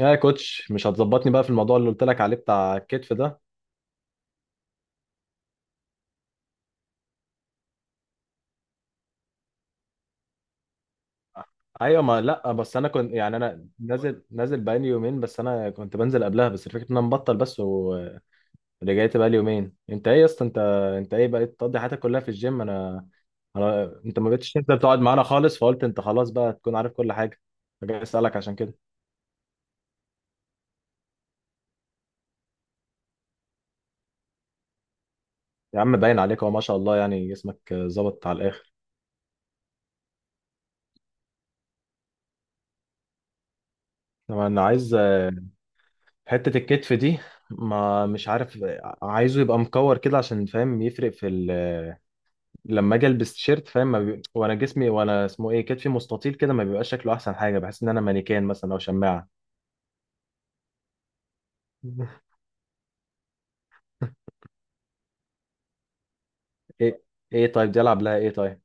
يا كوتش، مش هتظبطني بقى في الموضوع اللي قلت لك عليه بتاع الكتف ده؟ ايوه، ما لا، بس انا كنت، انا نازل بقالي يومين، بس انا كنت بنزل قبلها. بس الفكره ان انا مبطل بس ورجعت بقالي يومين. انت ايه يا اسطى؟ انت ايه بقيت تقضي حياتك كلها في الجيم؟ انا انا انت ما بقتش تنزل تقعد معانا خالص، فقلت انت خلاص بقى تكون عارف كل حاجه، فجاي اسالك عشان كده. يا عم، باين عليك هو ما شاء الله يعني جسمك ظبط على الاخر. طبعا انا عايز حتة الكتف دي، ما مش عارف، عايزه يبقى مكور كده عشان فاهم يفرق في، لما اجي البس تيشيرت، فاهم؟ ما بي... وانا جسمي وانا اسمه ايه، كتفي مستطيل كده، ما بيبقاش شكله احسن حاجه. بحس ان انا مانيكان مثلا او شماعه. ايه ايه طيب؟ دي العب لها ايه طيب؟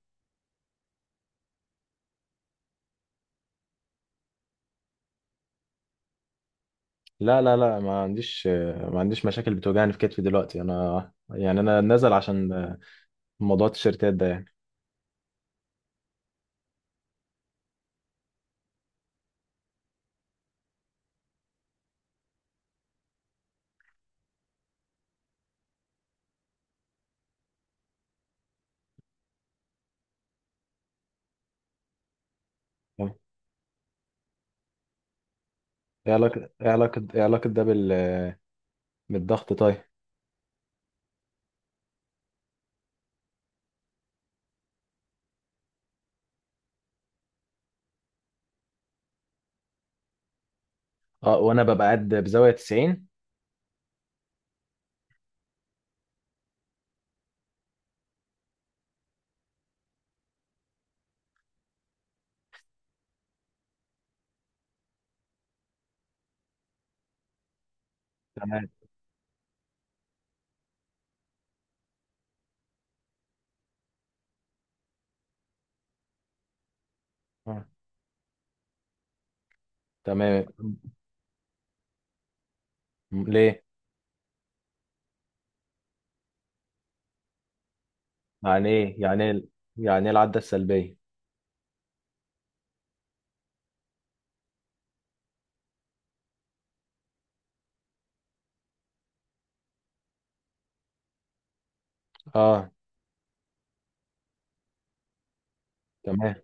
لا لا لا، ما عنديش. ما عنديش مشاكل بتوجعني في كتفي دلوقتي. انا يعني انا نازل عشان موضوع التيشيرتات ده يعني. ايه علاقه ده بال... بالضغط طيب؟ اه وانا ببقى قاعد بزاويه 90. تمام. آه. تمام، ليه؟ يعني ايه يعني ايه يعني ايه العده السلبيه؟ اه. تمام.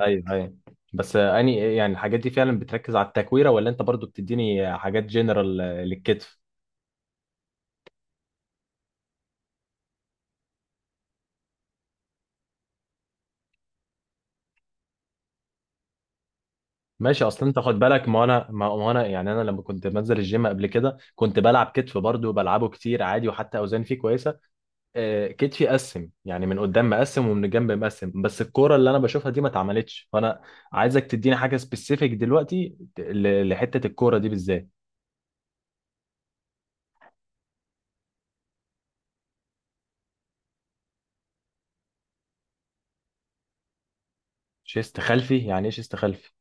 ايوه ايوه، بس اني يعني الحاجات دي فعلا بتركز على التكويره ولا انت برضو بتديني حاجات جنرال للكتف؟ ماشي. اصلا انت خد بالك، ما انا ما ما انا يعني انا لما كنت بنزل الجيم قبل كده كنت بلعب كتف برضو، بلعبه كتير عادي، وحتى اوزان فيه كويسه. كتفي قسم يعني، من قدام مقسم ومن الجنب مقسم، بس الكوره اللي انا بشوفها دي ما اتعملتش. فانا عايزك تديني حاجه سبيسيفيك دلوقتي لحته الكوره دي بالذات. شيست خلفي؟ يعني ايه شيست خلفي؟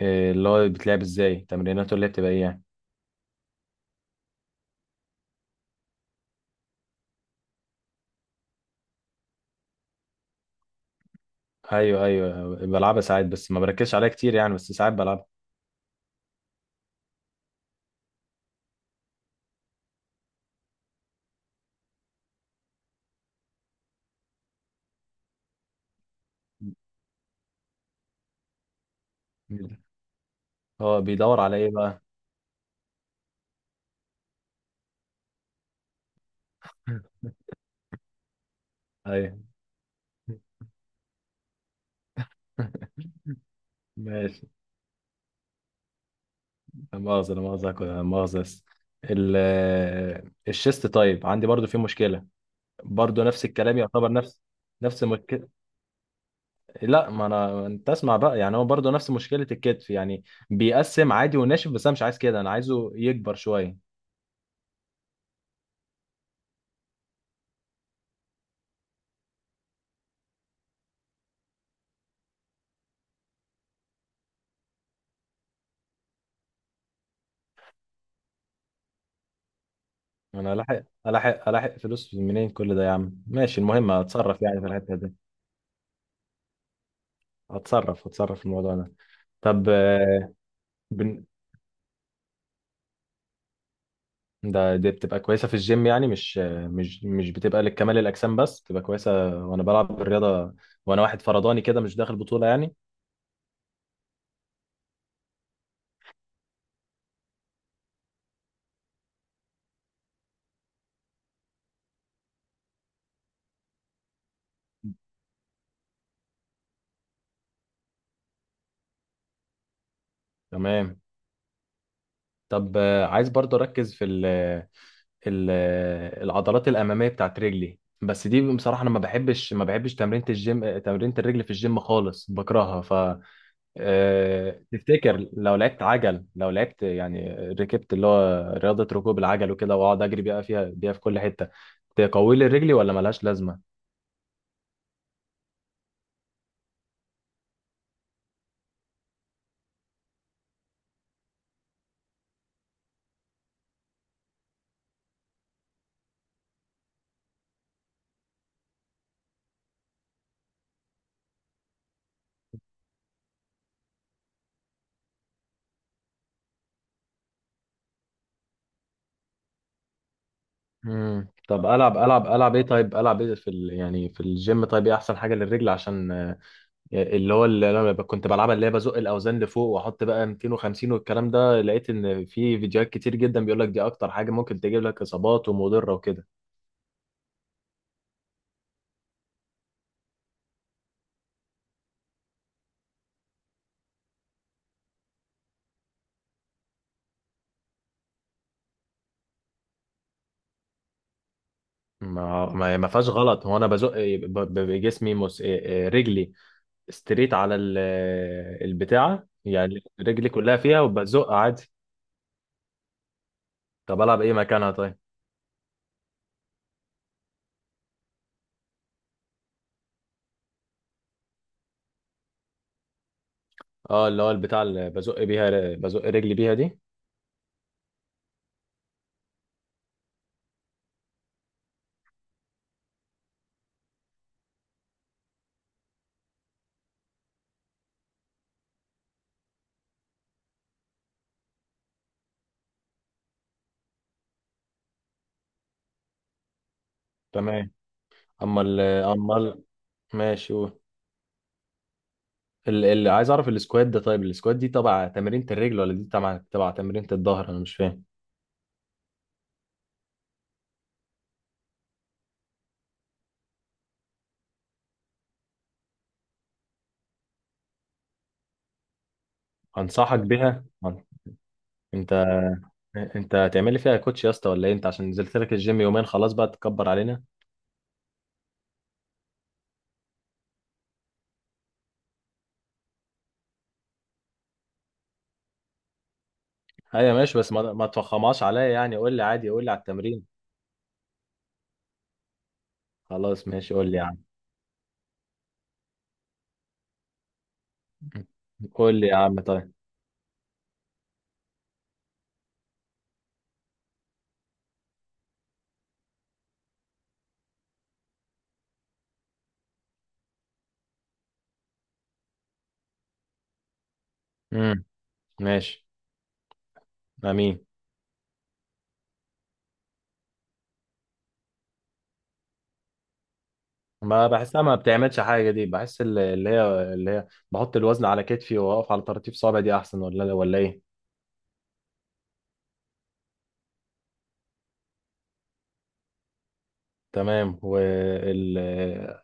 اللي هو بيتلعب ازاي؟ تمريناته اللي هي بتبقى ايه يعني؟ ايوه ايوه، بلعبها ساعات، بس ما بركزش عليها كتير يعني، بس ساعات بلعبها. هو بيدور على ايه بقى؟ ايوه ماشي. لا مؤاخذة، بس ال- الشيست طيب عندي برضو في مشكلة، برضو نفس الكلام يعتبر نفس المشكلة. لا، ما انا، انت اسمع بقى يعني، هو برضو نفس مشكلة الكتف يعني، بيقسم عادي وناشف، بس انا مش عايز كده، انا عايزه يكبر شوية. انا الاحق فلوس منين كل ده يا عم؟ ماشي، المهم اتصرف يعني في الحتة دي. هتصرف في الموضوع ده. طب بن... دي بتبقى كويسة في الجيم يعني، مش مش بتبقى لكمال الأجسام بس، بتبقى كويسة، وأنا بلعب الرياضة، وأنا واحد فرداني كده، مش داخل بطولة يعني. تمام. طب عايز برضه أركز في ال... العضلات الأمامية بتاعت رجلي. بس دي بصراحة أنا ما بحبش تمرينة الجيم، تمرينة الرجل في الجيم خالص، بكرهها. تفتكر لو لعبت عجل، لو لعبت يعني ركبت اللي هو رياضة ركوب العجل وكده، واقعد اجري بيها فيها بيها في كل حتة، تقوي لي رجلي ولا ملهاش لازمة؟ مم. طب العب ايه طيب؟ العب ايه في يعني في الجيم؟ طيب ايه احسن حاجة للرجل عشان اللي هو اللي انا كنت بلعبها، اللي هي بزق الاوزان لفوق، واحط بقى 250 والكلام ده، لقيت ان في فيديوهات كتير جدا بيقول لك دي اكتر حاجة ممكن تجيب لك اصابات ومضرة وكده. ما فيهاش غلط، هو انا بزق بجسمي مس... آه، آه، رجلي استريت على البتاعة يعني، رجلي كلها فيها، وبزق عادي. طب ألعب إيه مكانها طيب؟ اه، اللي هو البتاع اللي بزق بيها، بزق رجلي بيها دي. تمام. أما ال أما ال- ماشي قول. اللي عايز أعرف السكوات ده طيب، السكوات دي تبع تمرينة الرجل ولا دي تبع تمرينة الظهر؟ أنا مش فاهم. أنصحك بيها؟ أنت أنت هتعمل لي فيها كوتش يا اسطى ولا إيه؟ أنت عشان نزلت لك الجيم يومين خلاص بقى تكبر علينا؟ أيوة ماشي، بس ما ما تفخمهاش عليا يعني، قول لي عادي، قول لي على التمرين. خلاص ماشي، قول لي. قول لي يا عم طيب. امم. ماشي. امين. ما بحسها، ما بتعملش حاجه دي. بحس اللي هي بحط الوزن على كتفي واقف على طراطيف صوابعي، دي احسن ولا ايه؟ تمام.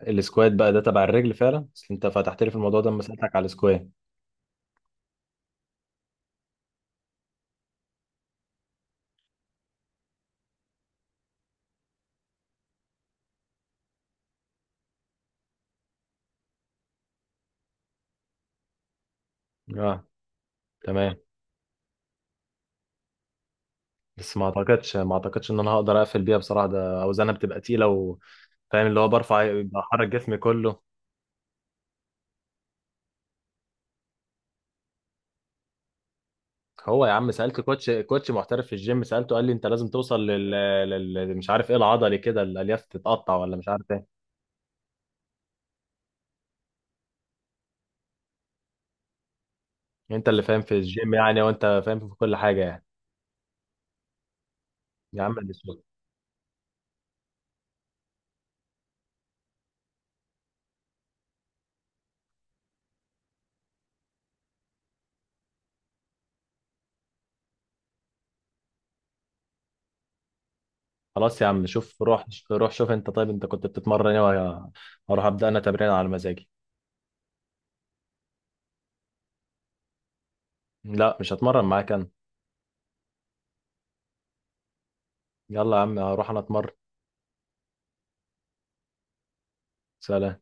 السكوات بقى ده تبع الرجل فعلا، بس انت فتحت لي في الموضوع ده لما سالتك على السكوات. اه. تمام، بس ما اعتقدش ان انا هقدر اقفل بيها بصراحه، ده اوزانها بتبقى تقيله و- فاهم، اللي هو برفع بحرك جسمي كله. هو يا عم، سألت كوتش محترف في الجيم، سألته قال لي انت لازم توصل لل, لل... مش عارف ايه العضلي كده، الالياف تتقطع ولا مش عارف ايه. انت اللي فاهم في الجيم يعني، وانت فاهم في كل حاجة يعني. يا عم الاسود. خلاص يا عم، شوف، روح. روح شوف انت، طيب انت كنت بتتمرن ايه، وأنا هروح ابدأ انا تمرين على مزاجي. لا مش هتمرن معاك انا. يلا يا عم، هروح انا اتمرن. سلام.